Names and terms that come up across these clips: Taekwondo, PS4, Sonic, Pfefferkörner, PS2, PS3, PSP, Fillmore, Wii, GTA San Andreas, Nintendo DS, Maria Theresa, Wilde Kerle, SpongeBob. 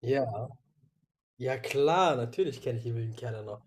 Ja, ja klar, natürlich kenne ich die wilden Kerle noch.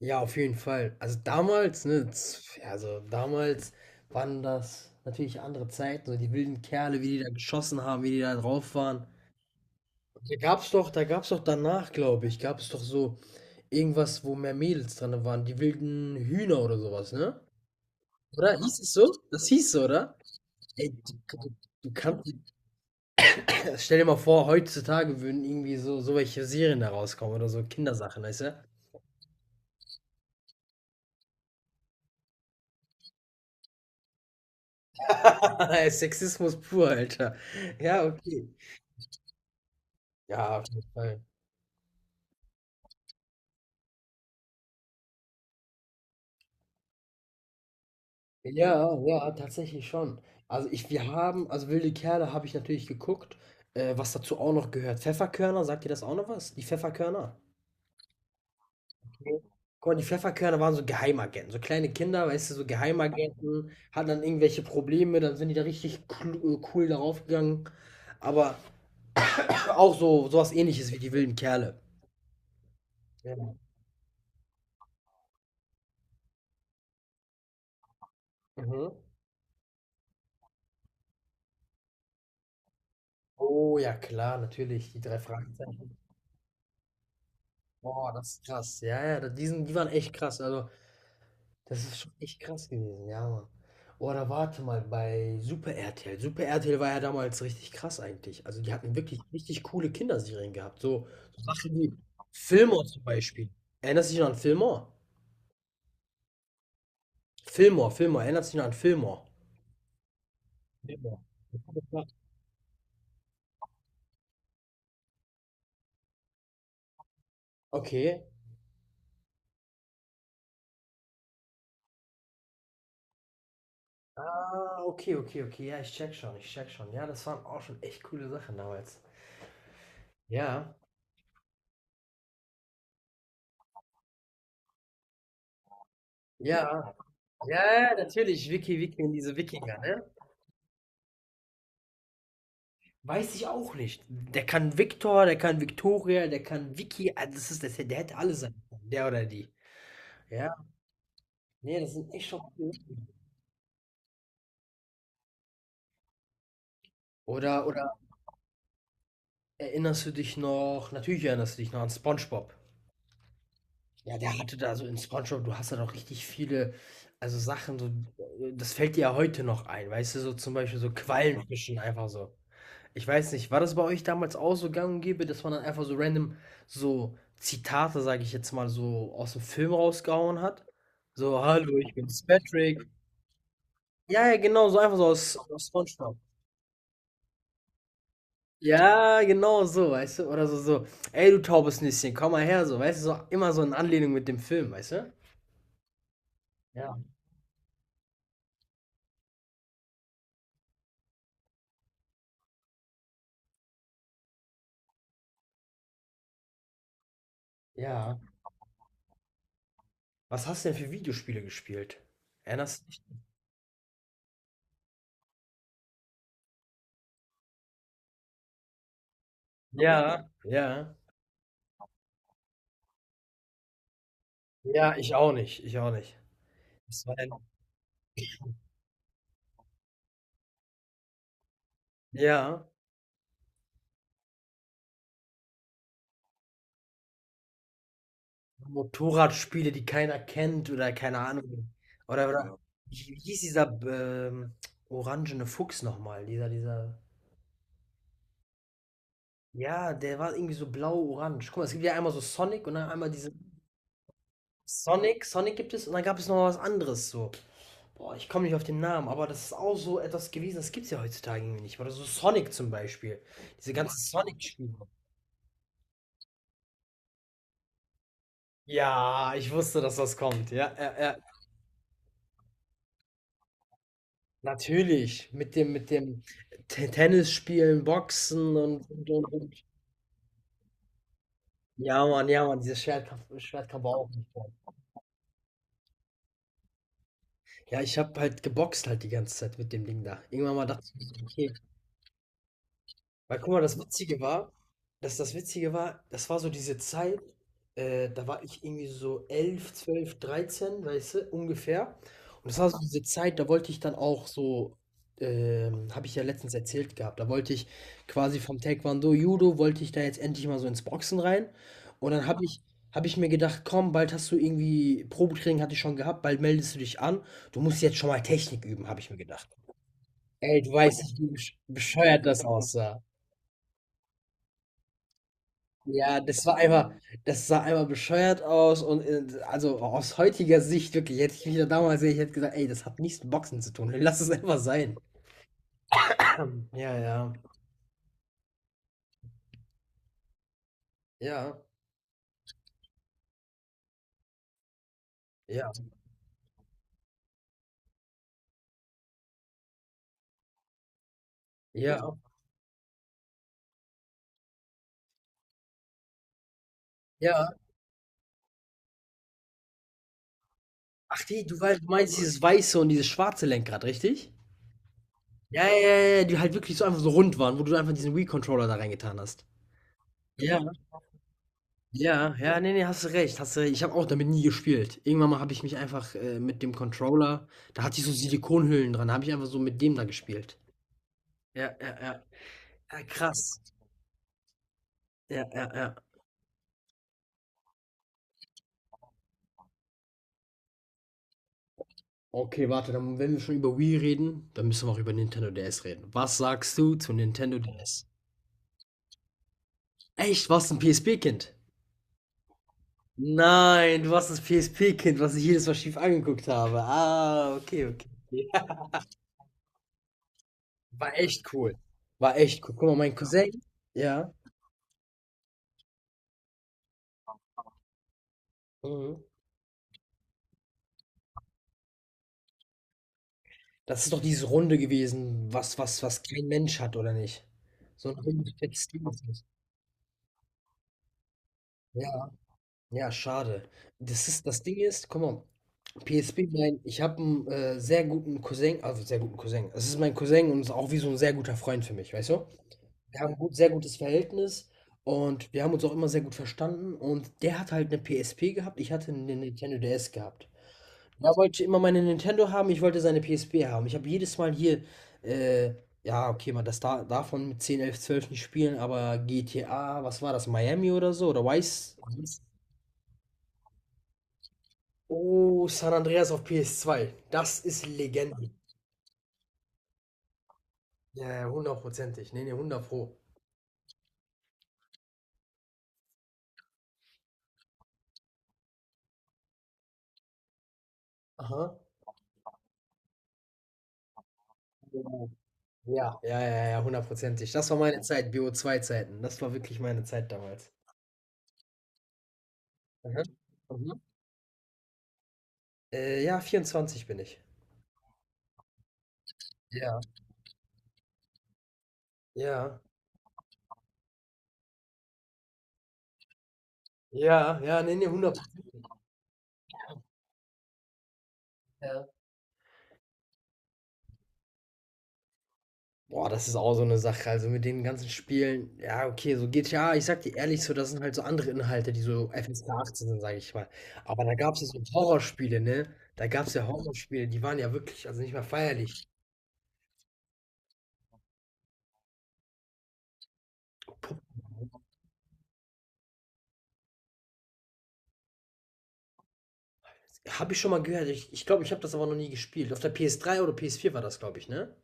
Ja, auf jeden Fall. Also damals, ne, ja, also damals waren das natürlich andere Zeiten, so die wilden Kerle, wie die da geschossen haben, wie die da drauf waren. Da gab's doch danach, glaube ich, gab es doch so irgendwas, wo mehr Mädels drin waren, die wilden Hühner oder sowas, ne? Oder? Hieß es so? Das hieß so, oder? Ey, du kannst, stell dir mal vor, heutzutage würden irgendwie so welche Serien da rauskommen oder so Kindersachen, weißt du? Sexismus pur, Alter. Ja, okay. Ja, auf jeden Fall. Ja, ja, tatsächlich schon. Also ich wir haben, also „Wilde Kerle“ habe ich natürlich geguckt, was dazu auch noch gehört. „Pfefferkörner“, sagt dir das auch noch was? Die „Pfefferkörner“? Ne? Guck mal, die „Pfefferkörner“ waren so Geheimagenten, so kleine Kinder, weißt du, so Geheimagenten, hatten dann irgendwelche Probleme, dann sind die da richtig clu cool darauf gegangen. Aber auch so was Ähnliches wie die „Wilden Kerle“. Ja. Mhm. Oh ja, klar, natürlich, die 3 Fragezeichen. Boah, das ist krass. Ja, ja, die sind, die waren echt krass. Also, das ist schon echt krass gewesen, ja, Mann. Oder warte mal, bei Super RTL. Super RTL war ja damals richtig krass eigentlich. Also, die hatten wirklich richtig coole Kinderserien gehabt. So, so Sachen wie Fillmore zum Beispiel. Erinnerst du dich noch an Fillmore? Fillmore, Fillmore. Erinnerst du dich noch an Fillmore? Fillmore. Okay. Ah, okay, okay, okay. Ja, ich check schon. Ja, das waren auch schon echt coole Sachen damals. Ja. Ja. Ja, ja, ja, natürlich, Wiki, Wiki, diese Wikinger, ne? Weiß ich auch nicht. Der kann Viktor, der kann Victoria, der kann Wiki, also der hätte alle sein können, der oder die. Ja, nee, das sind echt schon coole Namen. Oder erinnerst du dich noch, natürlich erinnerst du dich noch an SpongeBob. Ja, der hatte da so in SpongeBob, du hast da doch richtig viele, also Sachen, so, das fällt dir ja heute noch ein, weißt du, so zum Beispiel so Quallenfischen einfach so. Ich weiß nicht, war das bei euch damals auch so gang und gäbe, dass man dann einfach so random so Zitate, sage ich jetzt mal, so aus dem Film rausgehauen hat? So, hallo, ich bin's Patrick. Ja, ja, genau, so einfach so aus SpongeBob. Ja, genau so, weißt du? Oder so, ey, du taubes Nüsschen, komm mal her, so, weißt du? So, immer so in Anlehnung mit dem Film, weißt du? Ja. Ja. Was hast du denn für Videospiele gespielt? Erinnerst du dich? Ja. Ja. Ja, ich auch nicht. Das war ein... Ja. Motorradspiele, die keiner kennt oder keine Ahnung. Oder ja, wie hieß dieser ähm, orangene Fuchs nochmal? Dieser. Ja, der war irgendwie so blau-orange. Guck mal, es gibt ja einmal so Sonic und dann einmal diese Sonic, Sonic gibt es und dann gab es noch was anderes so. Boah, ich komme nicht auf den Namen, aber das ist auch so etwas gewesen, das gibt es ja heutzutage irgendwie nicht. Oder so Sonic zum Beispiel. Diese ganzen Sonic-Spiele. Ja, ich wusste, dass das kommt. Ja, ja, ja. Natürlich, mit dem Te Tennis spielen, Boxen und und. Ja, Mann, dieses Schwertkampf war auch nicht. Ja, ich habe halt geboxt halt die ganze Zeit mit dem Ding da. Irgendwann mal dachte ich: „Okay.“ Weil guck mal, das Witzige war, das war so diese Zeit, da war ich irgendwie so 11 12 13, weißt du, ungefähr. Und das war so diese Zeit, da wollte ich dann auch so, habe ich ja letztens erzählt gehabt, da wollte ich quasi vom Taekwondo, Judo, wollte ich da jetzt endlich mal so ins Boxen rein. Und dann habe ich mir gedacht, komm, bald hast du irgendwie, Probetraining hatte ich schon gehabt, bald meldest du dich an, du musst jetzt schon mal Technik üben, habe ich mir gedacht. Ey, du weißt nicht, wie bescheuert das aussah. Ja, das war einmal Das sah einmal bescheuert aus und, also aus heutiger Sicht wirklich, hätte ich mich da damals gesehen, ich hätte gesagt: „Ey, das hat nichts mit Boxen zu tun. Lass es einfach sein.“ Ja, ja. Ja, ja, ja, ja. Ach, die du wei du meinst dieses weiße und dieses schwarze Lenkrad, richtig? Ja, ja, ja, ja, die halt wirklich so einfach so rund waren, wo du einfach diesen Wii-Controller da reingetan hast. Ja, ja, ja, ne, ne, hast du recht, hast du recht. Ich habe auch damit nie gespielt. Irgendwann mal habe ich mich einfach, mit dem Controller, da hatte ich so Silikonhüllen dran, da habe ich einfach so mit dem da gespielt. Ja, ja, ja. Ja, krass. Ja, ja, ja. Okay, warte, dann, wenn wir schon über Wii reden, dann müssen wir auch über Nintendo DS reden. Was sagst du zu Nintendo DS? Echt, warst du ein PSP-Kind? Nein, du warst das PSP-Kind, was ich jedes Mal schief angeguckt habe. Ah, okay, okay, okay. War echt cool. War echt cool. Guck mal, mein Cousin, ja, Mhm, das ist doch diese Runde gewesen, was kein Mensch hat, oder nicht? So ein Runde Textil. Ja, ja, schade. Das Ding ist, guck mal, PSP, mein ich habe einen sehr guten Cousin, also, sehr guten Cousin. Es ist mein Cousin und ist auch wie so ein sehr guter Freund für mich, weißt du? Wir haben ein sehr gutes Verhältnis und wir haben uns auch immer sehr gut verstanden und der hat halt 'ne PSP gehabt, ich hatte eine Nintendo DS gehabt. Er wollte immer meine Nintendo haben, ich wollte seine PSP haben. Ich habe jedes Mal hier, äh ja, okay, man das da davon mit 10, 11, 12 nicht spielen, aber GTA, was war das, Miami oder so oder Vice? Oh, San Andreas auf PS2, das ist Legende. Ja, ja, hundertprozentig. Ne, ne, hundertpro. Aha. Genau. Ja, ja, ja, ja, hundertprozentig. Das war meine Zeit, bo zwei zeiten, das war wirklich meine Zeit damals. Mhm. Mhm. Ja, 24 bin ich. Ja. Ja. Ja, ja, ne, ne, 100. Ja. Boah, das ist auch so eine Sache. Also, mit den ganzen Spielen, ja, okay, so GTA, ich sag dir ehrlich, so das sind halt so andere Inhalte, die so FSK 18 sind, sage ich mal. Aber da gab's ja so Horrorspiele, ne? Da gab's ja Horrorspiele, die waren ja wirklich, also, nicht mehr feierlich. Habe ich schon mal gehört. Ich glaube, ich habe das aber noch nie gespielt. Auf der PS3 oder PS4 war das, glaube ich, ne?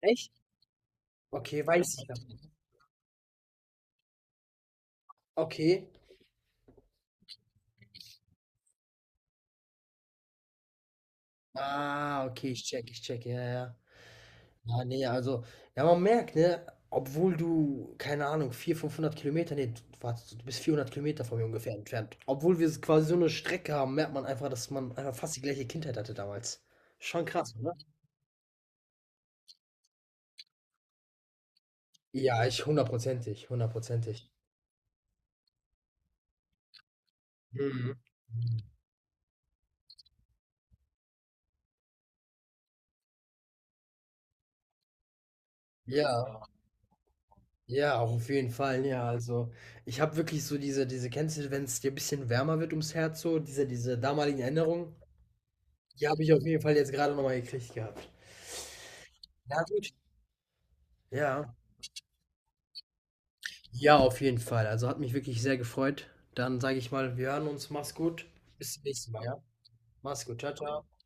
Echt? Okay, weiß ich. Ja. Okay. Ah, okay, ich check, ja, ja. Ja, nee, also, ja, man merkt, ne, obwohl du, keine Ahnung, 400, 500 km, nee, du, warte, du bist 400 km von mir ungefähr entfernt. Obwohl wir quasi so eine Strecke haben, merkt man einfach, dass man einfach fast die gleiche Kindheit hatte damals. Schon krass, oder? Ja, ich hundertprozentig, hundertprozentig. Mhm. Ja. Ja, auch auf jeden Fall, ja. Also, ich habe wirklich so diese kennst du, wenn es dir ein bisschen wärmer wird ums Herz so, diese damaligen Erinnerungen, die habe ich auf jeden Fall jetzt gerade noch mal gekriegt gehabt. Ja, gut. Ja. Ja, auf jeden Fall. Also, hat mich wirklich sehr gefreut. Dann sage ich mal, wir hören uns. Mach's gut. Bis zum nächsten Mal, ja? Mach's gut. Ciao, ciao.